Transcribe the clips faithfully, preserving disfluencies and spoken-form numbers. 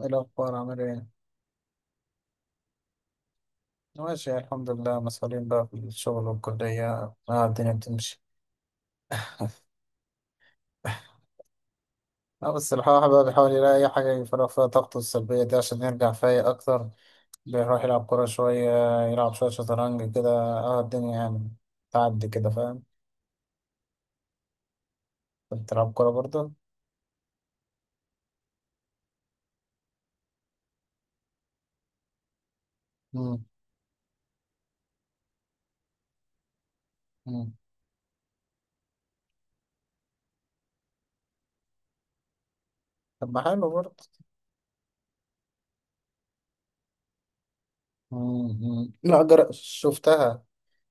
إيه الأخبار عامل إيه؟ ماشي، الحمد لله. مسؤولين بقى في الشغل والكلية. آه الدنيا بتمشي. آه بس الواحد بقى بيحاول يلاقي أي حاجة يفرغ فيها طاقته السلبية دي عشان يرجع فايق أكتر. بيروح يلعب كورة شوية، يلعب شوية شطرنج كده. آه الدنيا يعني تعدي كده، فاهم؟ أنت بتلعب كورة برضه؟ مم، مم. طب ما حلو برضه. مم، مم. لا جر... شفتها.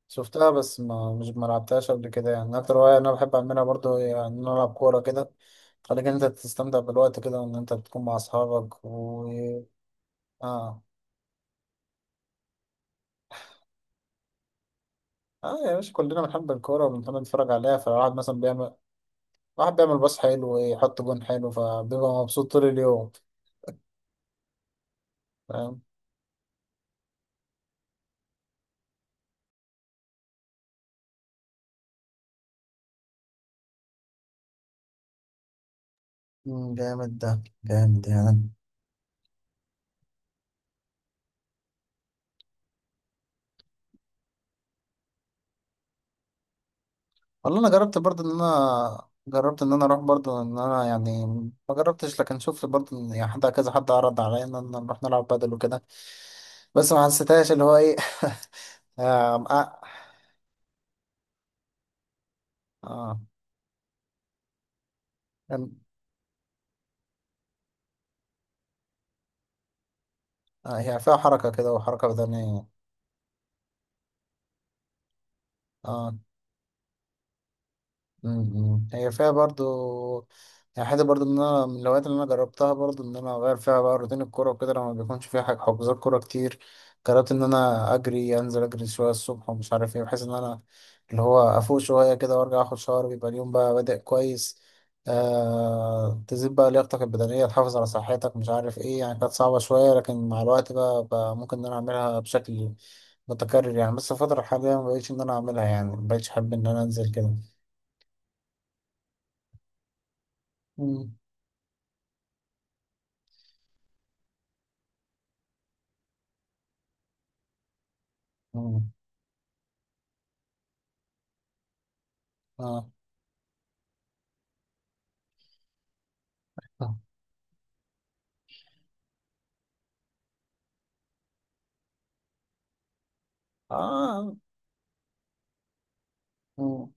شفتها بس ما مش ما لعبتهاش قبل كده. يعني أكتر هواية أنا بحب أعملها برضه هي إن أنا ألعب كورة كده. خليك إن انت تستمتع بالوقت كده وان انت بتكون مع اصحابك و اه اه يا باشا، كلنا بنحب الكورة وبنحب نتفرج عليها، فالواحد مثلا بيعمل، واحد بيعمل باص حلو ويحط جون حلو فبيبقى مبسوط طول اليوم. فاهم. مم، جامد ده، جامد يعني. والله انا جربت برضه ان انا جربت ان انا اروح برضه ان انا يعني ما جربتش، لكن شفت برضه إن يعني حد كذا، حد عرض عليا ان أنا نروح نلعب بدل وكده، بس ما حسيتهاش اللي هو ايه. آه آه. آه. آه هي فيها حركة كده، وحركة بدنية. اه. م- م. هي فيها برضو يعني حاجة برضو، إن أنا من الهوايات اللي أنا جربتها برضو إن أنا أغير فيها بقى روتين الكورة وكده لما بيكونش فيها حاجة حجوزات كورة كتير. جربت إن أنا أجري، أنزل أجري شوية الصبح ومش عارف إيه، بحيث إن أنا اللي هو أفوق شوية كده وأرجع آخد شاور، بيبقى اليوم بقى بادئ كويس. آه تزيد بقى لياقتك البدنية، تحافظ على صحتك، مش عارف إيه. يعني كانت صعبة شوية لكن مع الوقت بقى, بقى ممكن إن أنا أعملها بشكل متكرر يعني. بس الفترة الحالية مبقتش إن أنا أعملها، يعني مبقتش أحب إن أنا أنزل كده. مم. مم. آه. آه. مم.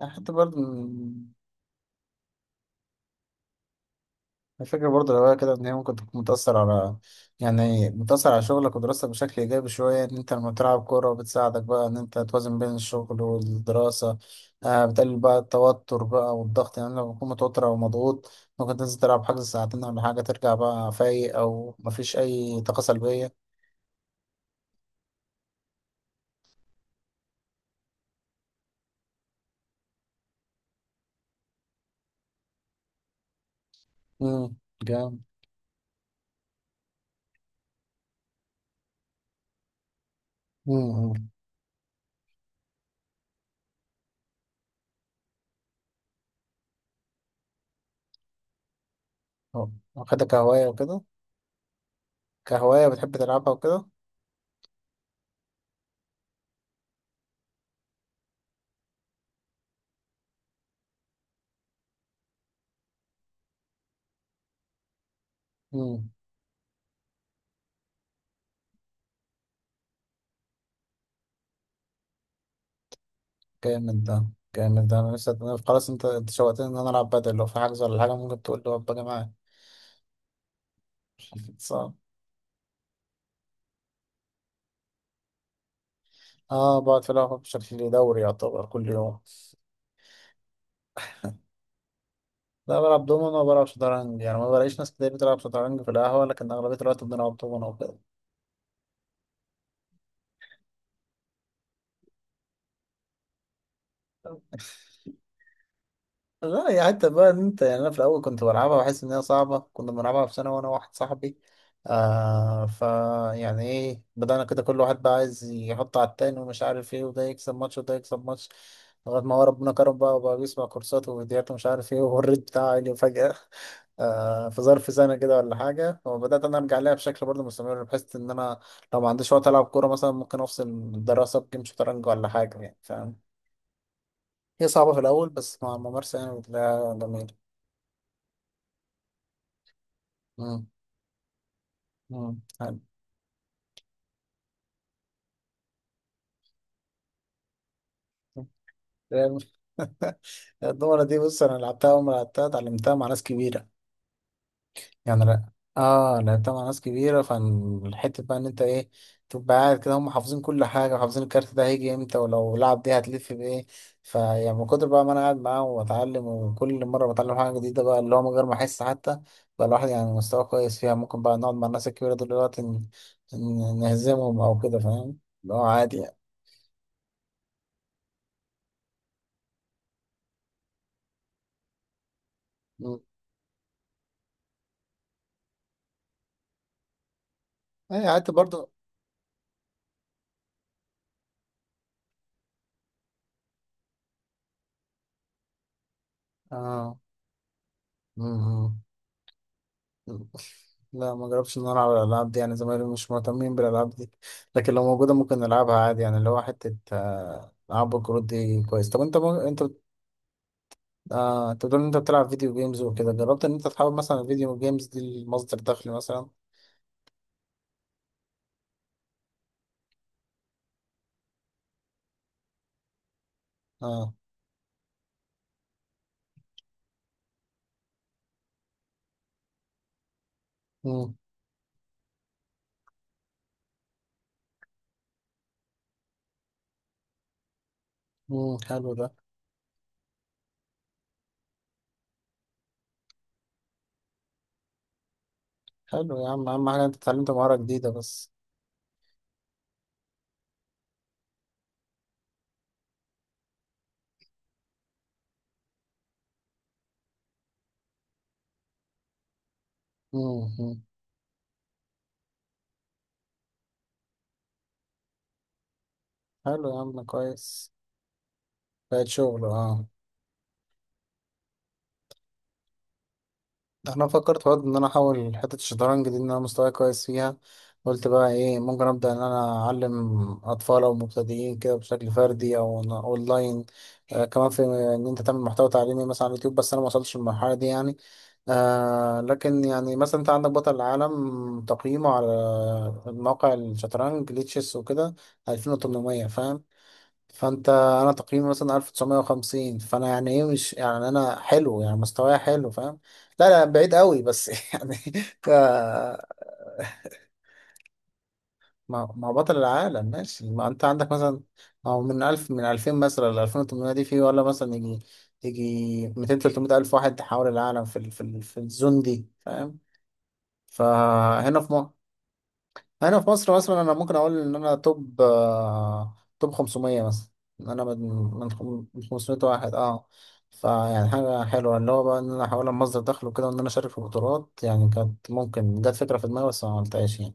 يعني حتى برضه م- الفكرة برضه لو هي كده إن هي ممكن تكون متأثر على، يعني متأثر على شغلك ودراستك بشكل إيجابي شوية. إن أنت لما بتلعب كورة بتساعدك بقى إن أنت توازن بين الشغل والدراسة. آه بتقلل بقى التوتر بقى والضغط، يعني لما بتكون متوتر أو مضغوط ممكن تنزل تلعب حاجة ساعتين ولا حاجة، ترجع بقى فايق أو مفيش أي طاقة سلبية. مم. جامد. مم. مم. واخدها كهواية وكده. كهواية بتحب تلعبها وكده. جامد ده، جامد ده. انا نفسي أت- خلاص انت انت شوقتني ان انا العب بدل، لو في حجز ولا حاجه ممكن تقول لي ابقى معاك. صح. اه بقعد في القهوه بشكل دوري، يعتبر كل يوم. لا بلعب دومينو وبلعب شطرنج، يعني ما بلاقيش ناس كتير بتلعب شطرنج في القهوه، لكن اغلبيه الوقت بنلعب دومينو وكده. لا يا حتى بقى ان انت يعني انا في الاول كنت بلعبها واحس ان هي صعبه، كنا بنلعبها في سنه وانا واحد صاحبي. آه فا، يعني ايه بدأنا كده كل واحد بقى عايز يحط على التاني ومش عارف ايه، وده يكسب ماتش وده يكسب ماتش، لغايه ما هو ربنا كرم بقى وبقى بيسمع كورسات وفيديوهات ومش عارف ايه والريت بتاعه عالي فجأة. آه في ظرف سنه كده ولا حاجه، وبدأت انا ارجع لها بشكل برضه مستمر، بحيث ان انا لو ما عنديش وقت العب كوره مثلا ممكن افصل الدراسه بجيم شطرنج ولا حاجه يعني، فاهم. هي صعبة في الأول بس مع الممارسة يعني بتلاقيها جميلة. مم. مم. حلو. آه، الدومنة دي، بص أنا لعبتها أول ما لعبتها اتعلمتها مع ناس كبيرة. يعني لا، آه لعبتها مع ناس كبيرة، فالحتة بقى إن أنت إيه، تبقى قاعد كده هم حافظين كل حاجة، حافظين الكارت ده هيجي إمتى ولو لعب دي هتلف بإيه. فيعني من كتر بقى ما أنا قاعد معاهم وبتعلم، وكل مرة بتعلم حاجة جديدة بقى، اللي هو من غير ما أحس حتى بقى الواحد يعني مستواه كويس فيها، ممكن بقى نقعد مع الناس الكبيرة دول دلوقتي ن- ن- نهزمهم أو كده، فاهم. اللي هو عادي يعني. مم. أي قعدت برضه. آه. مم. لا ما جربتش ان انا العب الالعاب دي، يعني زمايلي مش مهتمين بالالعاب دي، لكن لو موجوده ممكن نلعبها عادي يعني، اللي هو حته آه، العاب الكروت دي كويس. طب انت مو... انت بت- آه... انت بتقول ان انت بتلعب فيديو جيمز وكده، جربت ان انت تحاول مثلا الفيديو جيمز دي لمصدر دخل مثلا؟ اه. مم. مم. حلو ده. حلو يا عم، اهم حاجه انت اتعلمت مهاره جديده بس. مم. مم. حلو يا عم كويس. بقت شغل اه. انا فكرت برضه ان انا احاول حته الشطرنج دي، ان انا مستواي كويس فيها، قلت بقى ايه ممكن ابدا ان انا اعلم اطفال او مبتدئين كده بشكل فردي او أنا اونلاين. آه كمان في ان انت تعمل محتوى تعليمي مثلا على اليوتيوب، بس انا ما وصلتش للمرحله دي يعني. آه لكن يعني مثلا انت عندك بطل العالم تقييمه على موقع الشطرنج ليه تشيس وكده ألفين وثمنمية، فاهم. فانت انا تقييمي مثلا ألف وتسعمية وخمسين، فانا يعني ايه مش يعني انا حلو، يعني مستواي حلو، فاهم. لا لا بعيد قوي بس يعني. ك، ما ما هو بطل العالم ماشي، ما انت عندك مثلا او من ألف من ألفين مثلا ل ألفين وثمنمية، دي في ولا مثلا يجي، يجي مئتين تلتمية الف واحد حول العالم في ال... في ال... في الزون دي، فاهم. فهنا في مصر، هنا في مصر مثلا انا ممكن اقول ان انا توب آه، توب خمسمية مثلا، إن انا من من خم- من خمسمية واحد اه. فيعني حاجة حلوة اللي هو بقى ان انا احاول مصدر دخل وكده وان انا اشارك في بطولات، يعني كانت ممكن جت فكرة في دماغي بس ما عملتهاش يعني.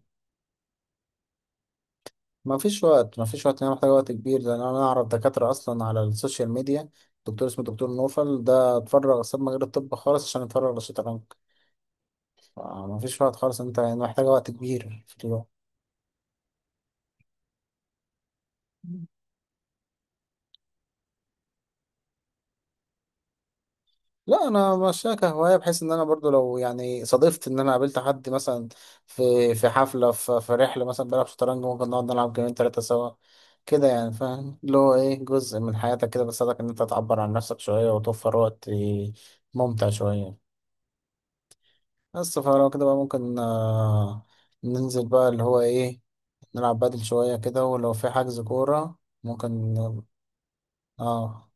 ما فيش وقت، ما فيش وقت، انا محتاج وقت كبير. لان انا اعرف دكاترة اصلا على السوشيال ميديا، دكتور اسمه دكتور نوفل ده اتفرغ، ساب مجال الطب خالص عشان يتفرغ للشطرنج. فما فيش وقت خالص، انت يعني محتاج وقت كبير في اليوم. لا انا ماشيها كهوايه، بحيث ان انا برضو لو يعني صادفت ان انا قابلت حد مثلا في في حفله، في, في رحله مثلا بلعب شطرنج، ممكن نقعد نلعب جيمين ثلاثه سوا كده يعني، فاهم. اللي هو ايه جزء من حياتك كده بيساعدك ان انت تعبر عن نفسك شويه وتوفر وقت ممتع شويه. بس فلو كده بقى ممكن آه، ننزل بقى اللي هو ايه، نلعب بدل شويه كده، ولو في حجز كوره ممكن. اه.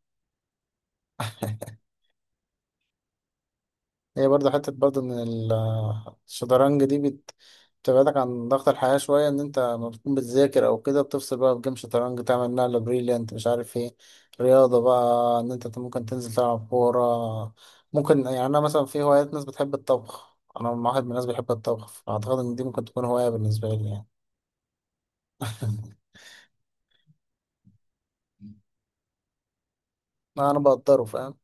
هي برضه حتة برضه إن ال- الشطرنج دي بت- بتبعدك عن ضغط الحياة شوية، إن أنت لما بتكون بتذاكر أو كده بتفصل بقى بجيم شطرنج، تعمل نقلة بريليانت مش عارف إيه. رياضة بقى إن أنت ممكن تنزل تلعب كورة ممكن. يعني أنا مثلا في هوايات، ناس بتحب الطبخ، أنا واحد من الناس بيحب الطبخ، فأعتقد إن دي ممكن تكون هواية بالنسبة لي يعني. لا أنا بقدره، فاهم.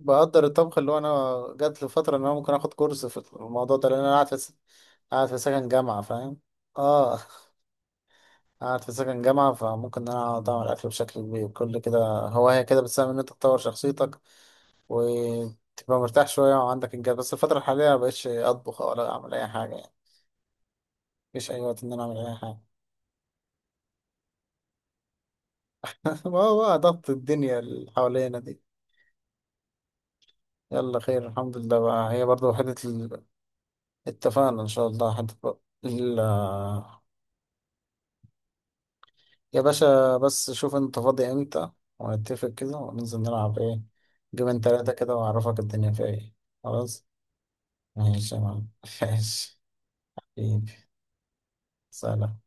بقدر الطبخ. اللي هو أنا جات لي فترة إن أنا ممكن آخد كورس في الموضوع ده، لأن أنا قاعد في س- قاعد في سكن جامعة، فاهم. اه قاعد في سكن جامعة، فممكن إن أنا أقعد أعمل أكل بشكل كبير كل كده. هواية كده بتساهم إن أنت تطور شخصيتك وتبقى مرتاح شوية وعندك إنجاز. بس الفترة الحالية مبقتش أطبخ ولا أعمل أي حاجة يعني، مفيش أي وقت إن أنا أعمل أي حاجة. ما هو بقى ضغط الدنيا اللي حوالينا دي. يلا خير، الحمد لله بقى. هي برضه حتة ال- اتفقنا إن شاء الله. حتة بقى ال- يا باشا بس شوف أنت فاضي إمتى ونتفق كده وننزل نلعب إيه، جيمين تلاتة كده، وأعرفك الدنيا فيها إيه. خلاص ماشي يا معلم. ماشي حبيبي، سلام.